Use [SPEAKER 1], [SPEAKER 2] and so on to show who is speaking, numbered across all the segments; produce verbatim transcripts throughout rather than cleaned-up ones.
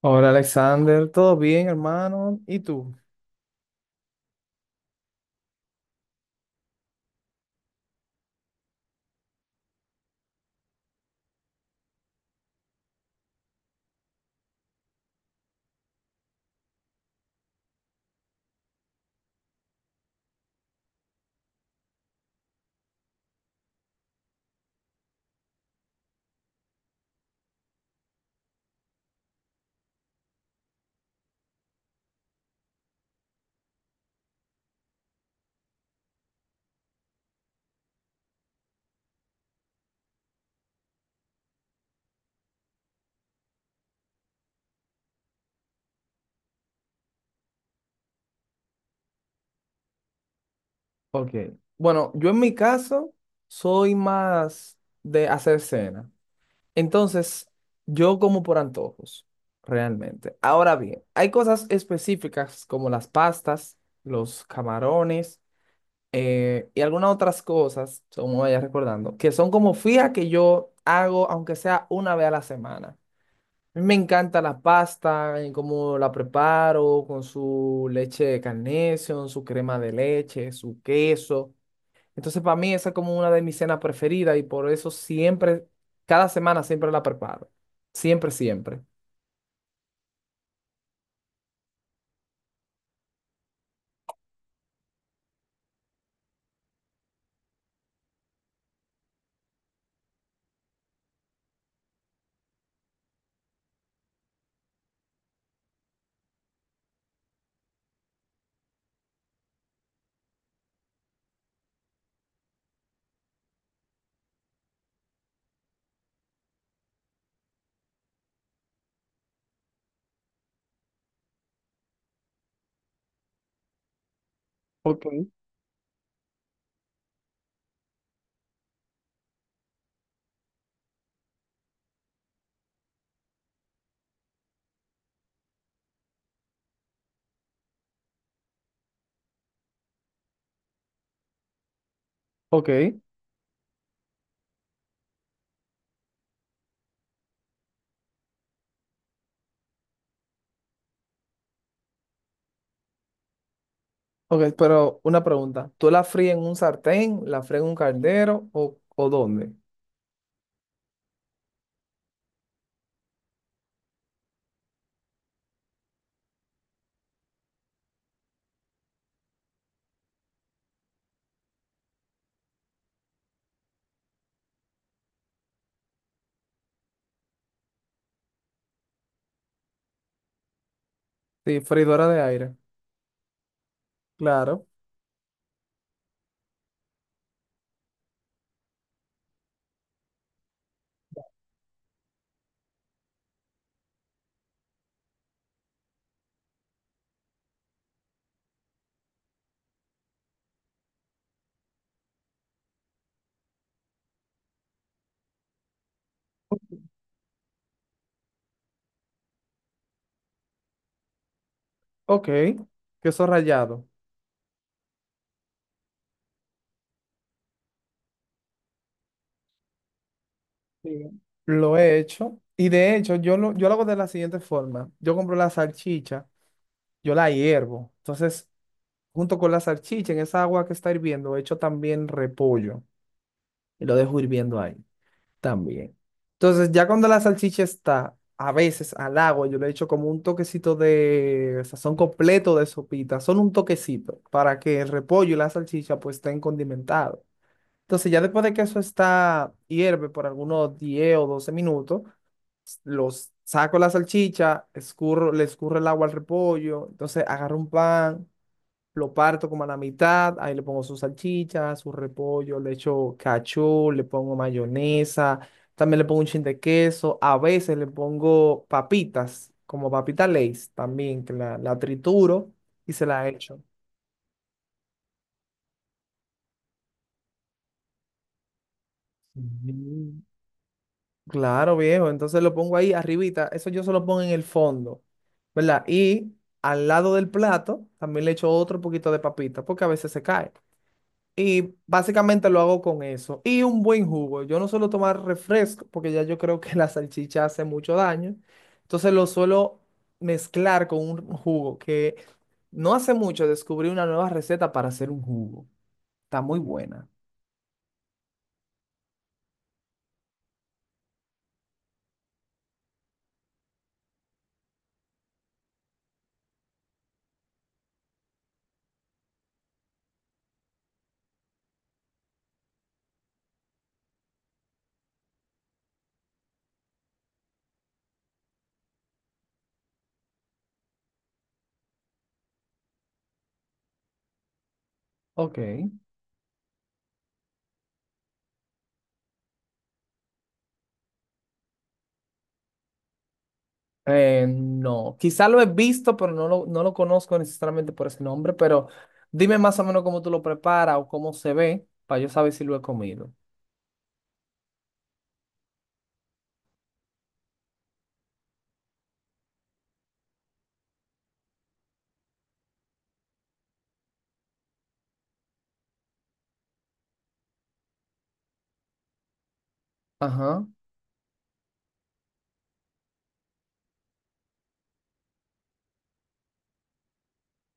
[SPEAKER 1] Hola Alexander, ¿todo bien, hermano? ¿Y tú? Ok. Bueno, yo en mi caso soy más de hacer cena. Entonces, yo como por antojos, realmente. Ahora bien, hay cosas específicas como las pastas, los camarones eh, y algunas otras cosas, como vaya recordando, que son como fija que yo hago aunque sea una vez a la semana. A mí me encanta la pasta, eh, cómo la preparo, con su leche de Carnation, su crema de leche, su queso. Entonces, para mí esa es como una de mis cenas preferidas y por eso siempre, cada semana siempre la preparo. Siempre, siempre. Ok, ok. Ok, pero una pregunta. ¿Tú la fríes en un sartén, la fríes en un caldero o, o dónde? Sí, freidora de aire. Claro. Ok. Queso rallado. Sí. Lo he hecho. Y de hecho, yo lo, yo lo hago de la siguiente forma. Yo compro la salchicha, yo la hiervo. Entonces, junto con la salchicha, en esa agua que está hirviendo, echo también repollo y lo dejo hirviendo ahí también. Entonces, ya cuando la salchicha está, a veces al agua, yo le echo como un toquecito de sazón completo de sopita, solo un toquecito, para que el repollo y la salchicha pues estén condimentados. Entonces, ya después de que eso está, hierve por algunos diez o doce minutos, los saco la salchicha, escurro, le escurro el agua al repollo, entonces agarro un pan, lo parto como a la mitad, ahí le pongo su salchicha, su repollo, le echo cachú, le pongo mayonesa, también le pongo un chin de queso, a veces le pongo papitas, como papita Lay's también, que la, la trituro y se la echo. Ujú. Claro, viejo. Entonces lo pongo ahí arribita. Eso yo se lo pongo en el fondo, ¿verdad? Y al lado del plato también le echo otro poquito de papita porque a veces se cae. Y básicamente lo hago con eso. Y un buen jugo. Yo no suelo tomar refresco porque ya yo creo que la salchicha hace mucho daño. Entonces lo suelo mezclar con un jugo que no hace mucho descubrí una nueva receta para hacer un jugo. Está muy buena. Ok. Eh, no, quizá lo he visto, pero no lo, no lo conozco necesariamente por ese nombre, pero dime más o menos cómo tú lo preparas o cómo se ve para yo saber si lo he comido. Ajá,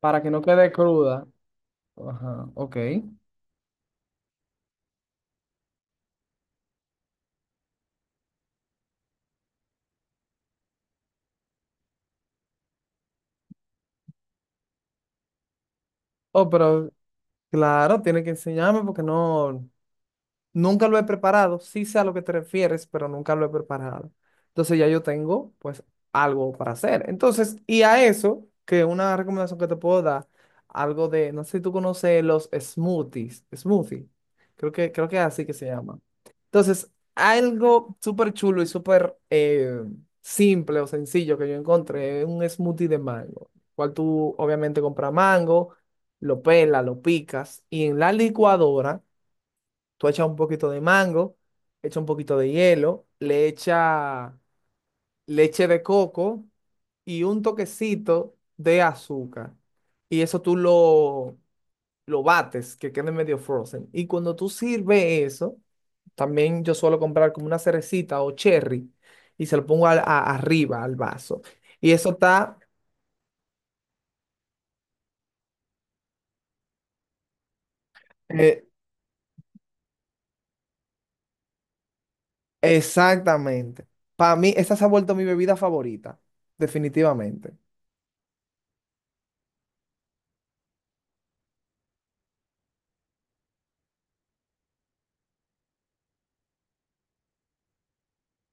[SPEAKER 1] para que no quede cruda. Ajá, ok. Oh, pero claro, tiene que enseñarme porque no, nunca lo he preparado, sí sé a lo que te refieres, pero nunca lo he preparado. Entonces ya yo tengo pues algo para hacer. Entonces, y a eso, que una recomendación que te puedo dar, algo de, no sé si tú conoces los smoothies, smoothie, creo que, creo que es así que se llama. Entonces, algo súper chulo y súper eh, simple o sencillo que yo encontré, es un smoothie de mango, cual tú obviamente compras mango, lo pelas, lo picas y en la licuadora tú echas un poquito de mango, echas un poquito de hielo, le echas leche de coco y un toquecito de azúcar. Y eso tú lo, lo bates, que quede medio frozen. Y cuando tú sirves eso, también yo suelo comprar como una cerecita o cherry y se lo pongo al- a- arriba al vaso. Y eso está eh, exactamente. Para mí, esa se ha vuelto mi bebida favorita, definitivamente.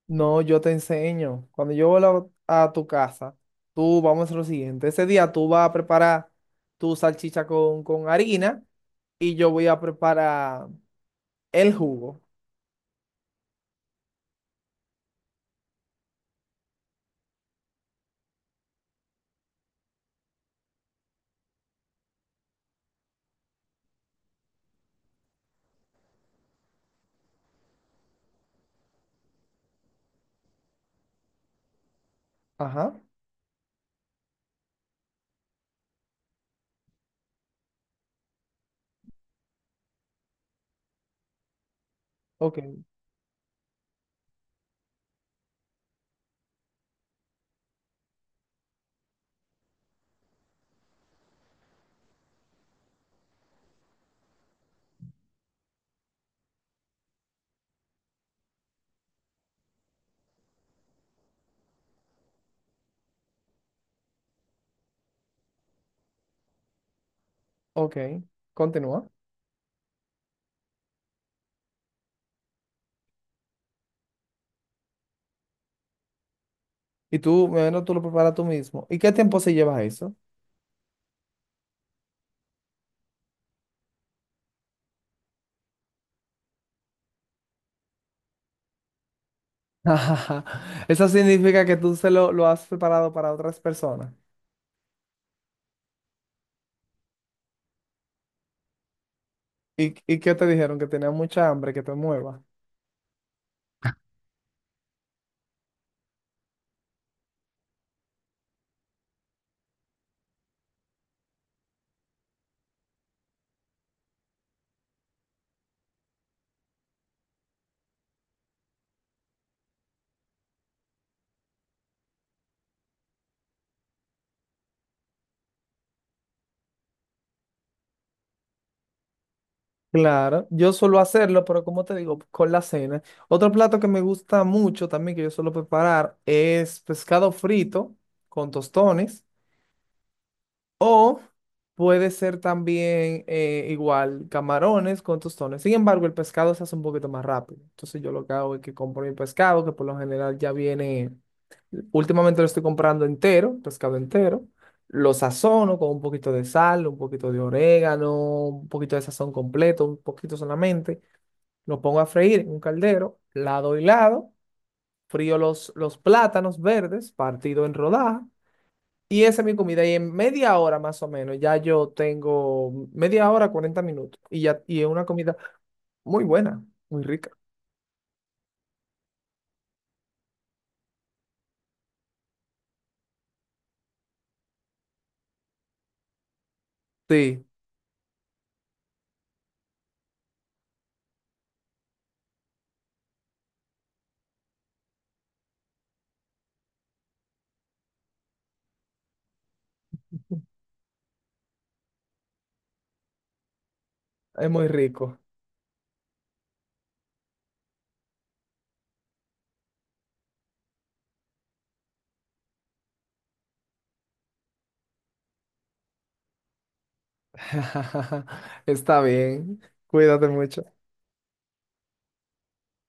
[SPEAKER 1] No, yo te enseño. Cuando yo vuelva a tu casa, tú vamos a hacer lo siguiente. Ese día tú vas a preparar tu salchicha con, con harina y yo voy a preparar el jugo. Ajá. Ok, ok. Continúa. Y tú, bueno, tú lo preparas tú mismo. ¿Y qué tiempo se lleva eso? Eso significa que tú se lo, lo has preparado para otras personas. ¿Y, ¿y qué te dijeron? Que tenías mucha hambre, que te muevas. Claro, yo suelo hacerlo, pero como te digo, con la cena. Otro plato que me gusta mucho también, que yo suelo preparar, es pescado frito con tostones. O puede ser también eh, igual camarones con tostones. Sin embargo, el pescado se hace un poquito más rápido. Entonces yo lo que hago es que compro mi pescado, que por lo general ya viene, últimamente lo estoy comprando entero, pescado entero. Lo sazono con un poquito de sal, un poquito de orégano, un poquito de sazón completo, un poquito solamente lo pongo a freír en un caldero, lado y lado, frío los, los plátanos verdes partido en rodaja y esa es mi comida. Y en media hora más o menos, ya yo tengo media hora, cuarenta minutos y ya y es una comida muy buena, muy rica. Sí, es muy rico. Está bien, cuídate mucho.